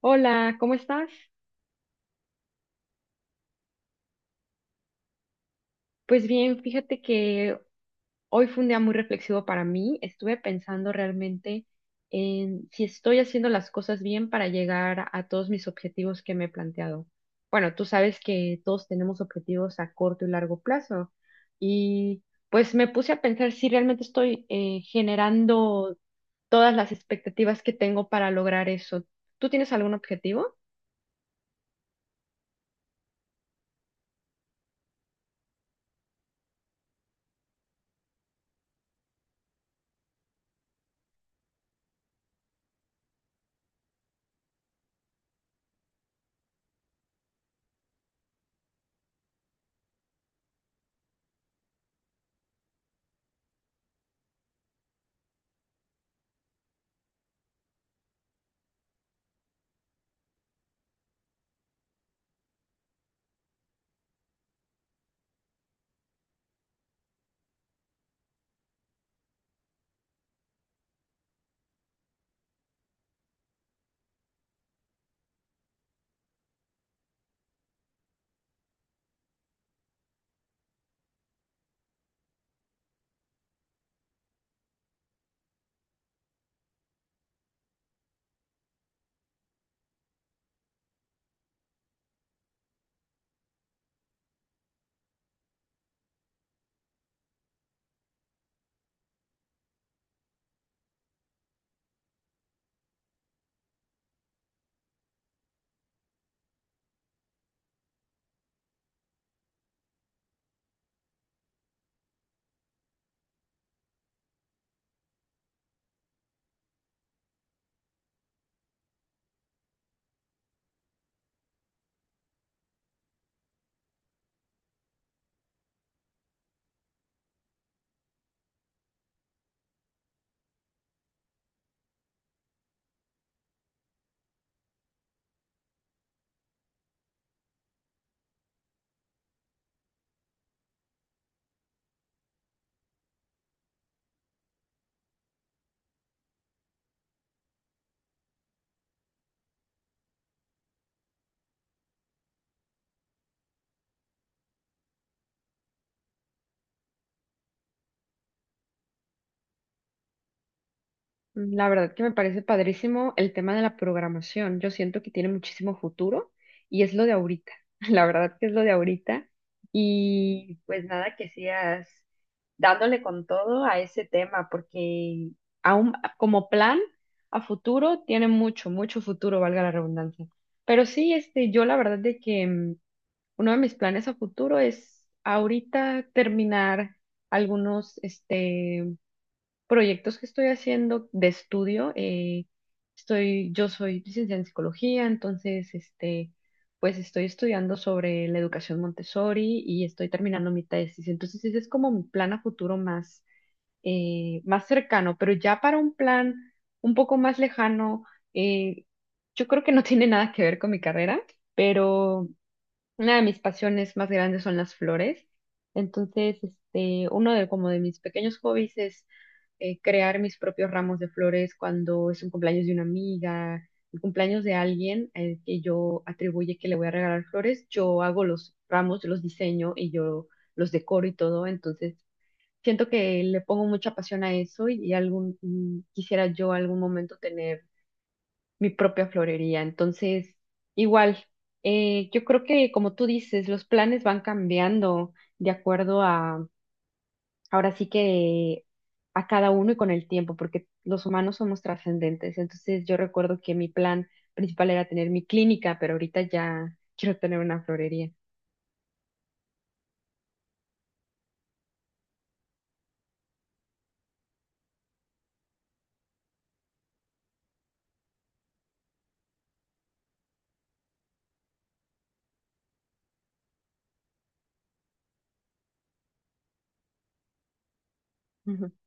Hola, ¿cómo estás? Pues bien, fíjate que hoy fue un día muy reflexivo para mí. Estuve pensando realmente en si estoy haciendo las cosas bien para llegar a todos mis objetivos que me he planteado. Bueno, tú sabes que todos tenemos objetivos a corto y largo plazo y pues me puse a pensar si realmente estoy generando todas las expectativas que tengo para lograr eso. ¿Tú tienes algún objetivo? La verdad que me parece padrísimo el tema de la programación. Yo siento que tiene muchísimo futuro y es lo de ahorita. La verdad que es lo de ahorita. Y pues nada, que sigas dándole con todo a ese tema, porque aún como plan a futuro tiene mucho, mucho futuro, valga la redundancia. Pero sí, este, yo la verdad de que uno de mis planes a futuro es ahorita terminar algunos, este, proyectos que estoy haciendo de estudio. Yo soy licenciada en psicología, entonces, este, pues estoy estudiando sobre la educación Montessori y estoy terminando mi tesis. Entonces, ese es como mi plan a futuro más, más cercano, pero ya para un plan un poco más lejano, eh, yo creo que no tiene nada que ver con mi carrera, pero una de mis pasiones más grandes son las flores. Entonces, este, uno de como de mis pequeños hobbies es crear mis propios ramos de flores cuando es un cumpleaños de una amiga, el cumpleaños de alguien que yo atribuye que le voy a regalar flores. Yo hago los ramos, yo los diseño y yo los decoro y todo. Entonces, siento que le pongo mucha pasión a eso y, y algún quisiera yo algún momento tener mi propia florería. Entonces, igual, yo creo que como tú dices, los planes van cambiando de acuerdo a, ahora sí que, a cada uno y con el tiempo, porque los humanos somos trascendentes. Entonces, yo recuerdo que mi plan principal era tener mi clínica, pero ahorita ya quiero tener una florería.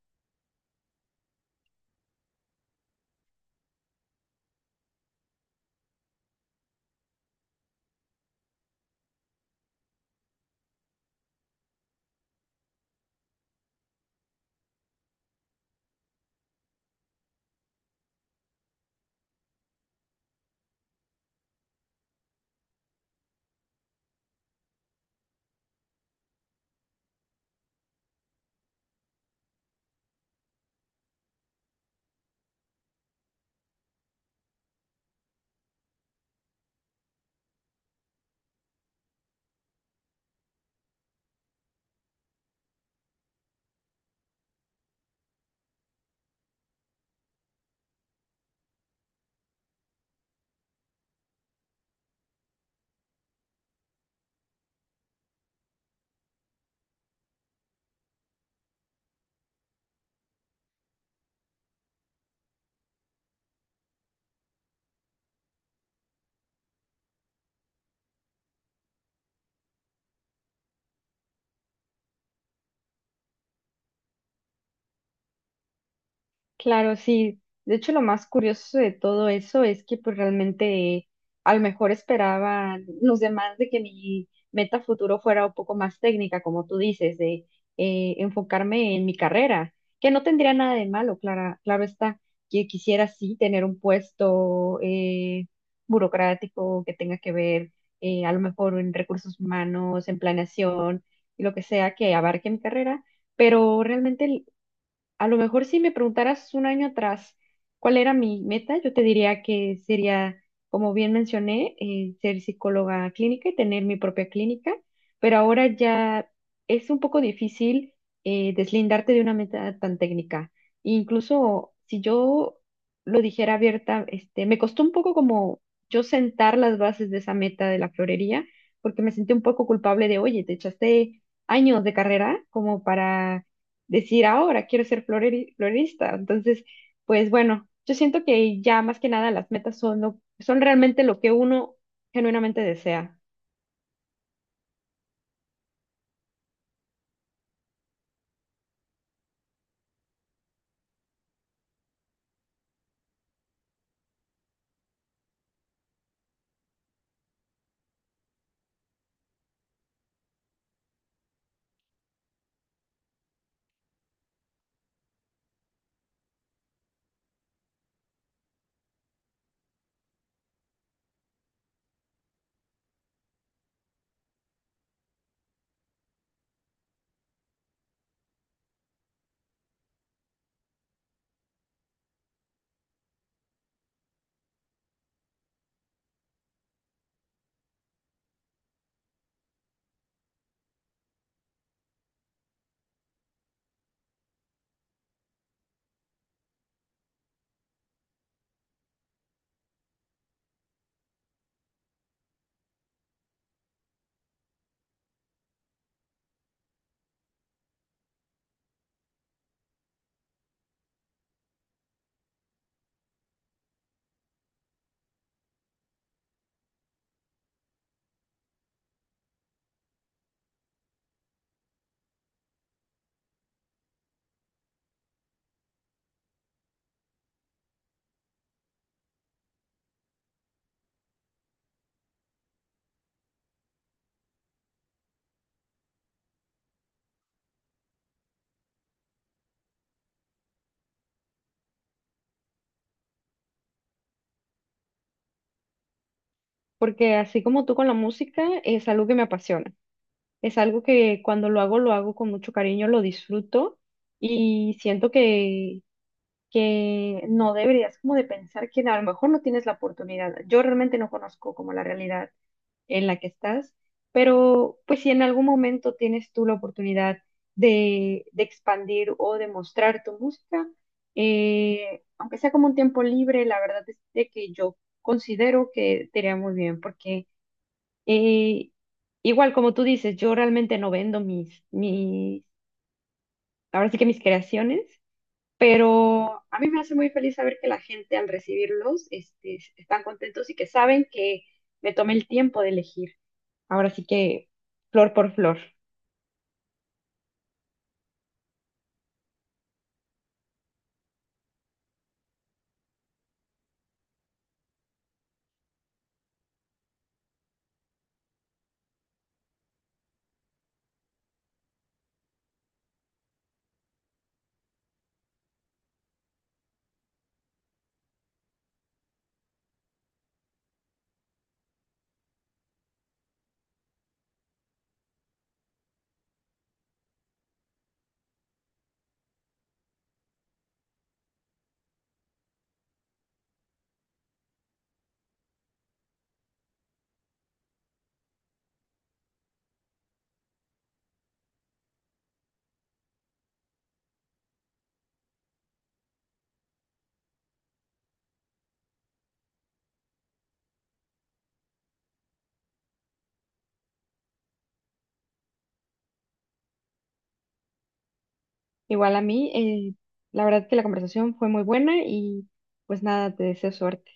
Claro, sí. De hecho, lo más curioso de todo eso es que pues realmente a lo mejor esperaban los demás de que mi meta futuro fuera un poco más técnica, como tú dices, de enfocarme en mi carrera, que no tendría nada de malo, claro está, que quisiera sí tener un puesto burocrático que tenga que ver, a lo mejor, en recursos humanos, en planeación y lo que sea que abarque mi carrera, pero realmente a lo mejor si me preguntaras un año atrás cuál era mi meta, yo te diría que sería, como bien mencioné, ser psicóloga clínica y tener mi propia clínica, pero ahora ya es un poco difícil deslindarte de una meta tan técnica. Incluso si yo lo dijera abierta, este, me costó un poco como yo sentar las bases de esa meta de la florería, porque me sentí un poco culpable de, oye, te echaste años de carrera como para decir ahora quiero ser florista. Entonces, pues bueno, yo siento que ya más que nada las metas son realmente lo que uno genuinamente desea, porque así como tú con la música, es algo que me apasiona, es algo que cuando lo hago con mucho cariño, lo disfruto y siento que no deberías como de pensar que a lo mejor no tienes la oportunidad. Yo realmente no conozco como la realidad en la que estás, pero pues si en algún momento tienes tú la oportunidad de expandir o de mostrar tu música, aunque sea como un tiempo libre, la verdad es de que yo considero que te iría muy bien, porque eh, igual como tú dices, yo realmente no vendo ahora sí que mis creaciones. Pero a mí me hace muy feliz saber que la gente al recibirlos, este, están contentos y que saben que me tomé el tiempo de elegir, ahora sí que, flor por flor. Igual a mí, la verdad que la conversación fue muy buena y pues nada, te deseo suerte.